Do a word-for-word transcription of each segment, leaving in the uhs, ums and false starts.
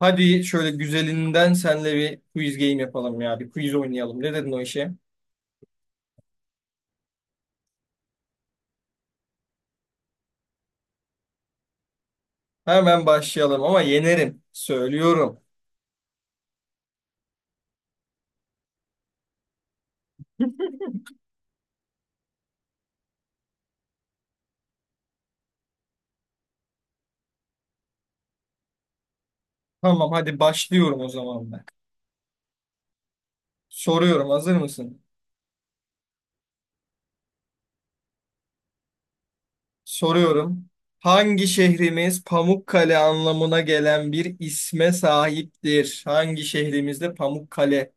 Hadi şöyle güzelinden senle bir quiz game yapalım ya. Bir quiz oynayalım. Ne dedin o işe? Hemen başlayalım ama yenerim. Söylüyorum. Tamam hadi başlıyorum o zaman ben. Soruyorum. Hazır mısın? Soruyorum. Hangi şehrimiz Pamukkale anlamına gelen bir isme sahiptir? Hangi şehrimizde Pamukkale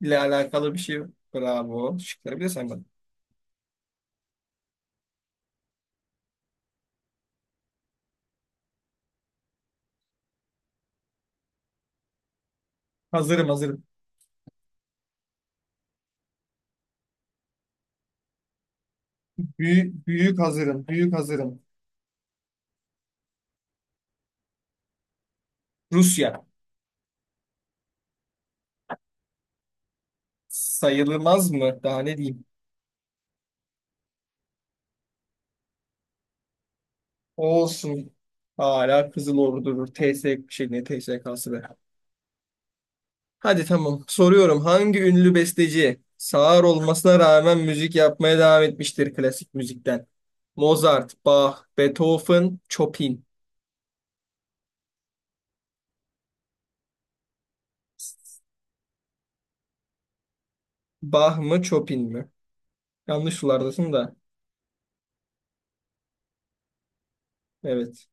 ile alakalı bir şey? Bravo. Şıkları bile saymadım. Hazırım hazırım. Büyük, büyük hazırım. Büyük hazırım. Rusya. Sayılmaz mı? Daha ne diyeyim? Olsun. Hala Kızıl Ordu durur. T S şey ne T S K'sı be. Hadi tamam. Soruyorum. Hangi ünlü besteci sağır olmasına rağmen müzik yapmaya devam etmiştir klasik müzikten? Mozart, Bach, Beethoven, Chopin. Bach mı, Chopin mi? Yanlış sulardasın da. Evet.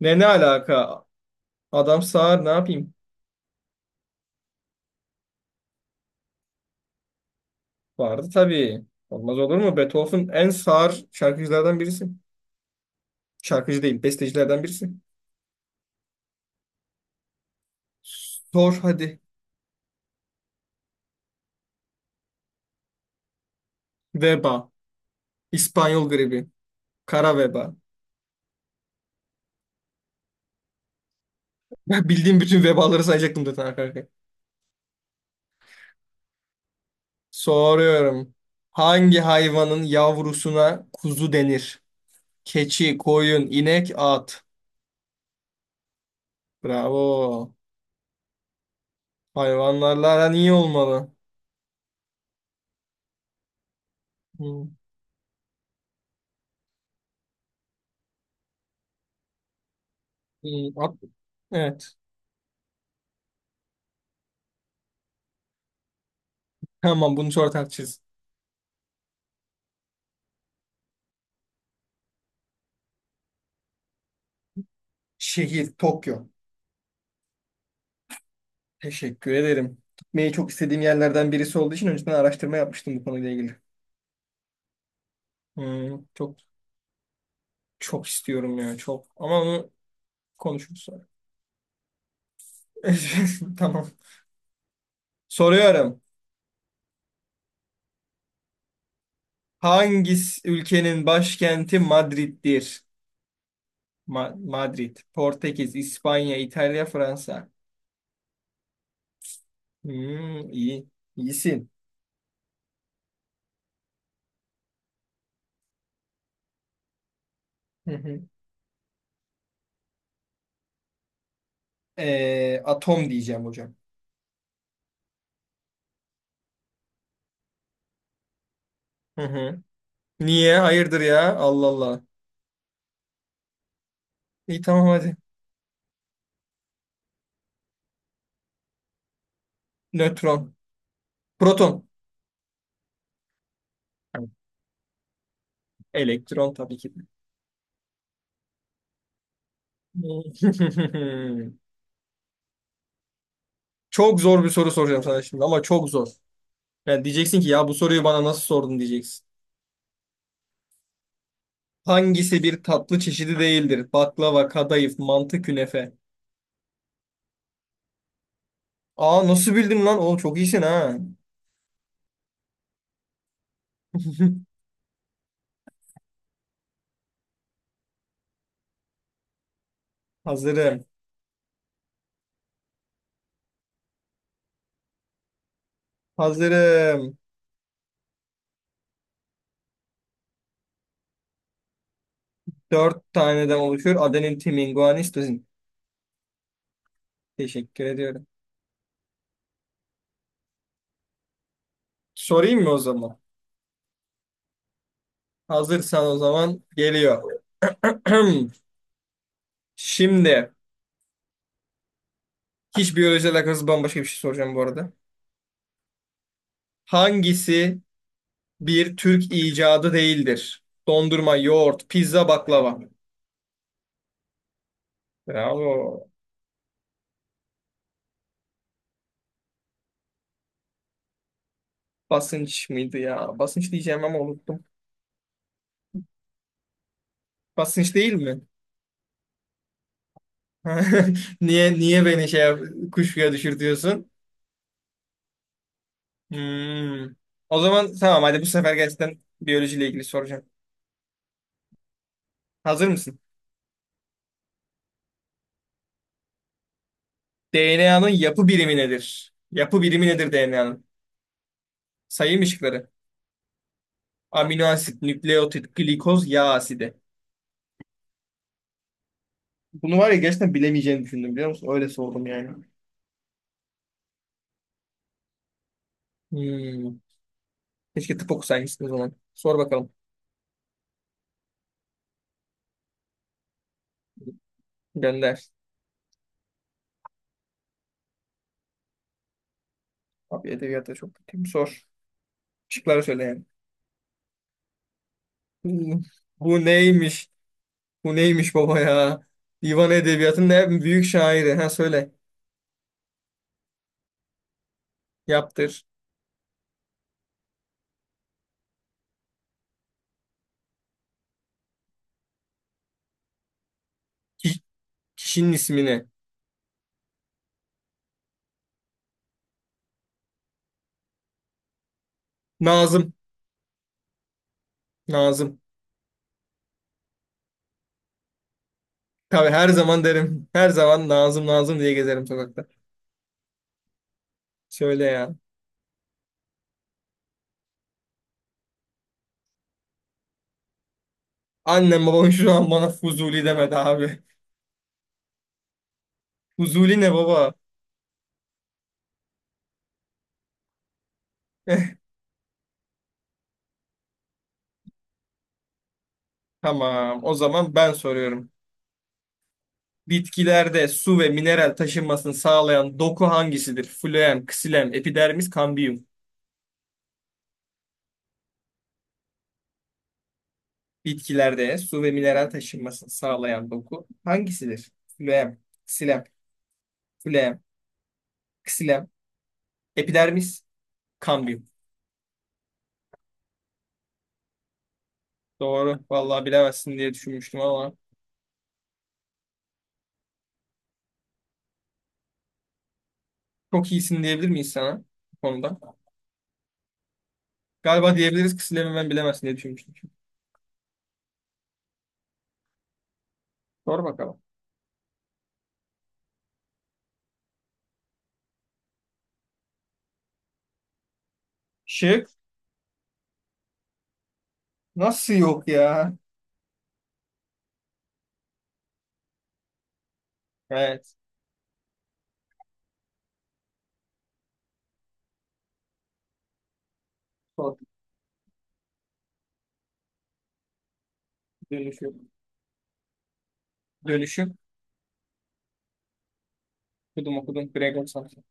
Ne ne alaka? Adam sağır ne yapayım? Vardı tabii. Olmaz olur mu? Beethoven en sağır şarkıcılardan birisi. Şarkıcı değil, bestecilerden birisi. Sor hadi. Veba. İspanyol gribi. Kara veba. Ben bildiğim bütün vebaları sayacaktım zaten arka arkaya. Soruyorum. Hangi hayvanın yavrusuna kuzu denir? Keçi, koyun, inek, at. Bravo. Hayvanlarla aran iyi olmalı. Hmm, hmm, at. Evet. Tamam bunu sonra tartışırız. Şehir Tokyo. Teşekkür ederim. Gitmeyi çok istediğim yerlerden birisi olduğu için önceden araştırma yapmıştım bu konuyla ilgili. Hmm, çok çok istiyorum ya çok. Ama onu konuşuruz sonra. Tamam. Soruyorum. Hangisi ülkenin başkenti Madrid'dir? Ma- Madrid, Portekiz, İspanya, İtalya, Fransa. Hmm, iyi. İyisin. Hı hı. Ee, atom diyeceğim hocam. Hı hı. Niye? Hayırdır ya? Allah Allah. İyi tamam hadi. Nötron. Proton. Evet. Elektron tabii ki. De. Çok zor bir soru soracağım sana şimdi ama çok zor. Yani diyeceksin ki ya bu soruyu bana nasıl sordun diyeceksin. Hangisi bir tatlı çeşidi değildir? Baklava, kadayıf, mantı, künefe. Aa nasıl bildin lan? Oğlum çok iyisin ha. Hazırım. Hazırım. Dört taneden oluşuyor. Adenin, timin, guanin, sitozin. Teşekkür ediyorum. Sorayım mı o zaman? Hazırsan o zaman geliyor. Şimdi hiç biyolojiyle alakası bambaşka bir şey soracağım bu arada. Hangisi bir Türk icadı değildir? Dondurma, yoğurt, pizza, baklava. Bravo. Basınç mıydı ya? Basınç diyeceğim ama unuttum. Basınç değil mi? Niye niye beni şey yap- kuşkuya düşürtüyorsun? Hmm. O zaman tamam hadi bu sefer gerçekten biyolojiyle ilgili soracağım. Hazır mısın? D N A'nın yapı birimi nedir? Yapı birimi nedir D N A'nın? Sayım ışıkları. Amino asit, nükleotit, glikoz, yağ asidi. Bunu var ya gerçekten bilemeyeceğini düşündüm biliyor musun? Öyle sordum yani. Hmm. Keşke tıp okusaymışsın o zaman. Sor bakalım. Gönder. Abi edebiyata çok kötüyüm. Sor. Şıkları söyle yani. Bu Bu neymiş? Bu neymiş baba ya? Divan Edebiyatı'nın en büyük şairi. Ha söyle. Yaptır. Ki- Kişinin ismini. Nazım. Nazım. Tabii her zaman derim. Her zaman Nazım Nazım diye gezerim sokakta. Söyle ya. Annem babam şu an bana Fuzuli demedi abi. Fuzuli ne baba? Tamam. O zaman ben soruyorum. Bitkilerde su ve mineral taşınmasını sağlayan doku hangisidir? Floem, ksilem, epidermis, kambiyum. Bitkilerde su ve mineral taşınmasını sağlayan doku hangisidir? Phloem, xilem, phloem, ksilem, epidermis, kambium. Doğru. Vallahi bilemezsin diye düşünmüştüm ama çok iyisin diyebilir miyiz sana bu konuda? Galiba diyebiliriz ksilemi ben bilemezsin diye düşünmüştüm. Sor bakalım. Şık. Nasıl yok ya? Evet. Sor. Dönüşüm. Dönüşüm. Okudum okudum. Gregor Samsa.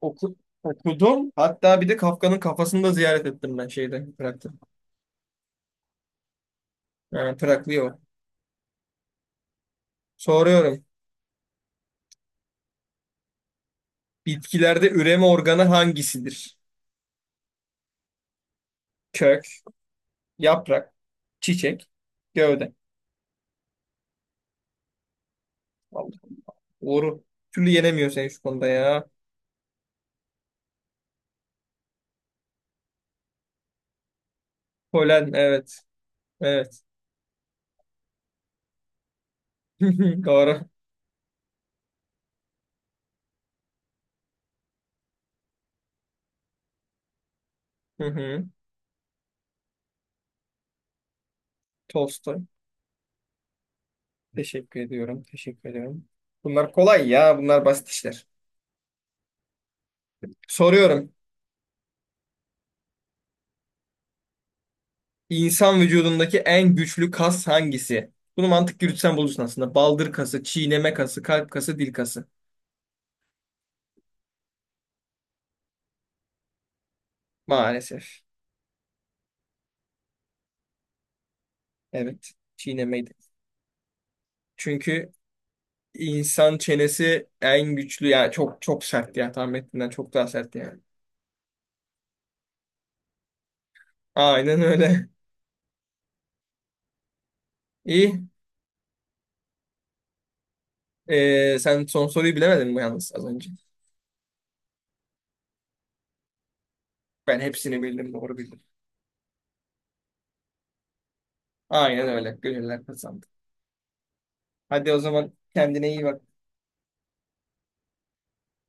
Oku, Okudum. Hatta bir de Kafka'nın kafasını da ziyaret ettim ben şeyde. Prag'da. Yani Traklıyor. Soruyorum. Bitkilerde üreme organı hangisidir? Kök, yaprak, çiçek, gövde. Vallahi doğru. Bir Türlü yenemiyor seni şu konuda ya. Polen evet. Evet. Doğru. Hı hı. Tolstoy. Teşekkür ediyorum. Teşekkür ediyorum. Bunlar kolay ya. Bunlar basit işler. Soruyorum. İnsan vücudundaki en güçlü kas hangisi? Bunu mantık yürütsen bulursun aslında. Baldır kası, çiğneme kası, kalp kası, dil kası. Maalesef. Evet. Çiğnemeydi. Çünkü İnsan çenesi en güçlü yani çok çok sert ya tahmin ettiğinden çok daha sert yani. Aynen öyle. İyi. Ee, sen son soruyu bilemedin mi yalnız az önce? Ben hepsini bildim doğru bildim. Aynen öyle. Gönüller kazandı. Hadi o zaman kendine iyi bak.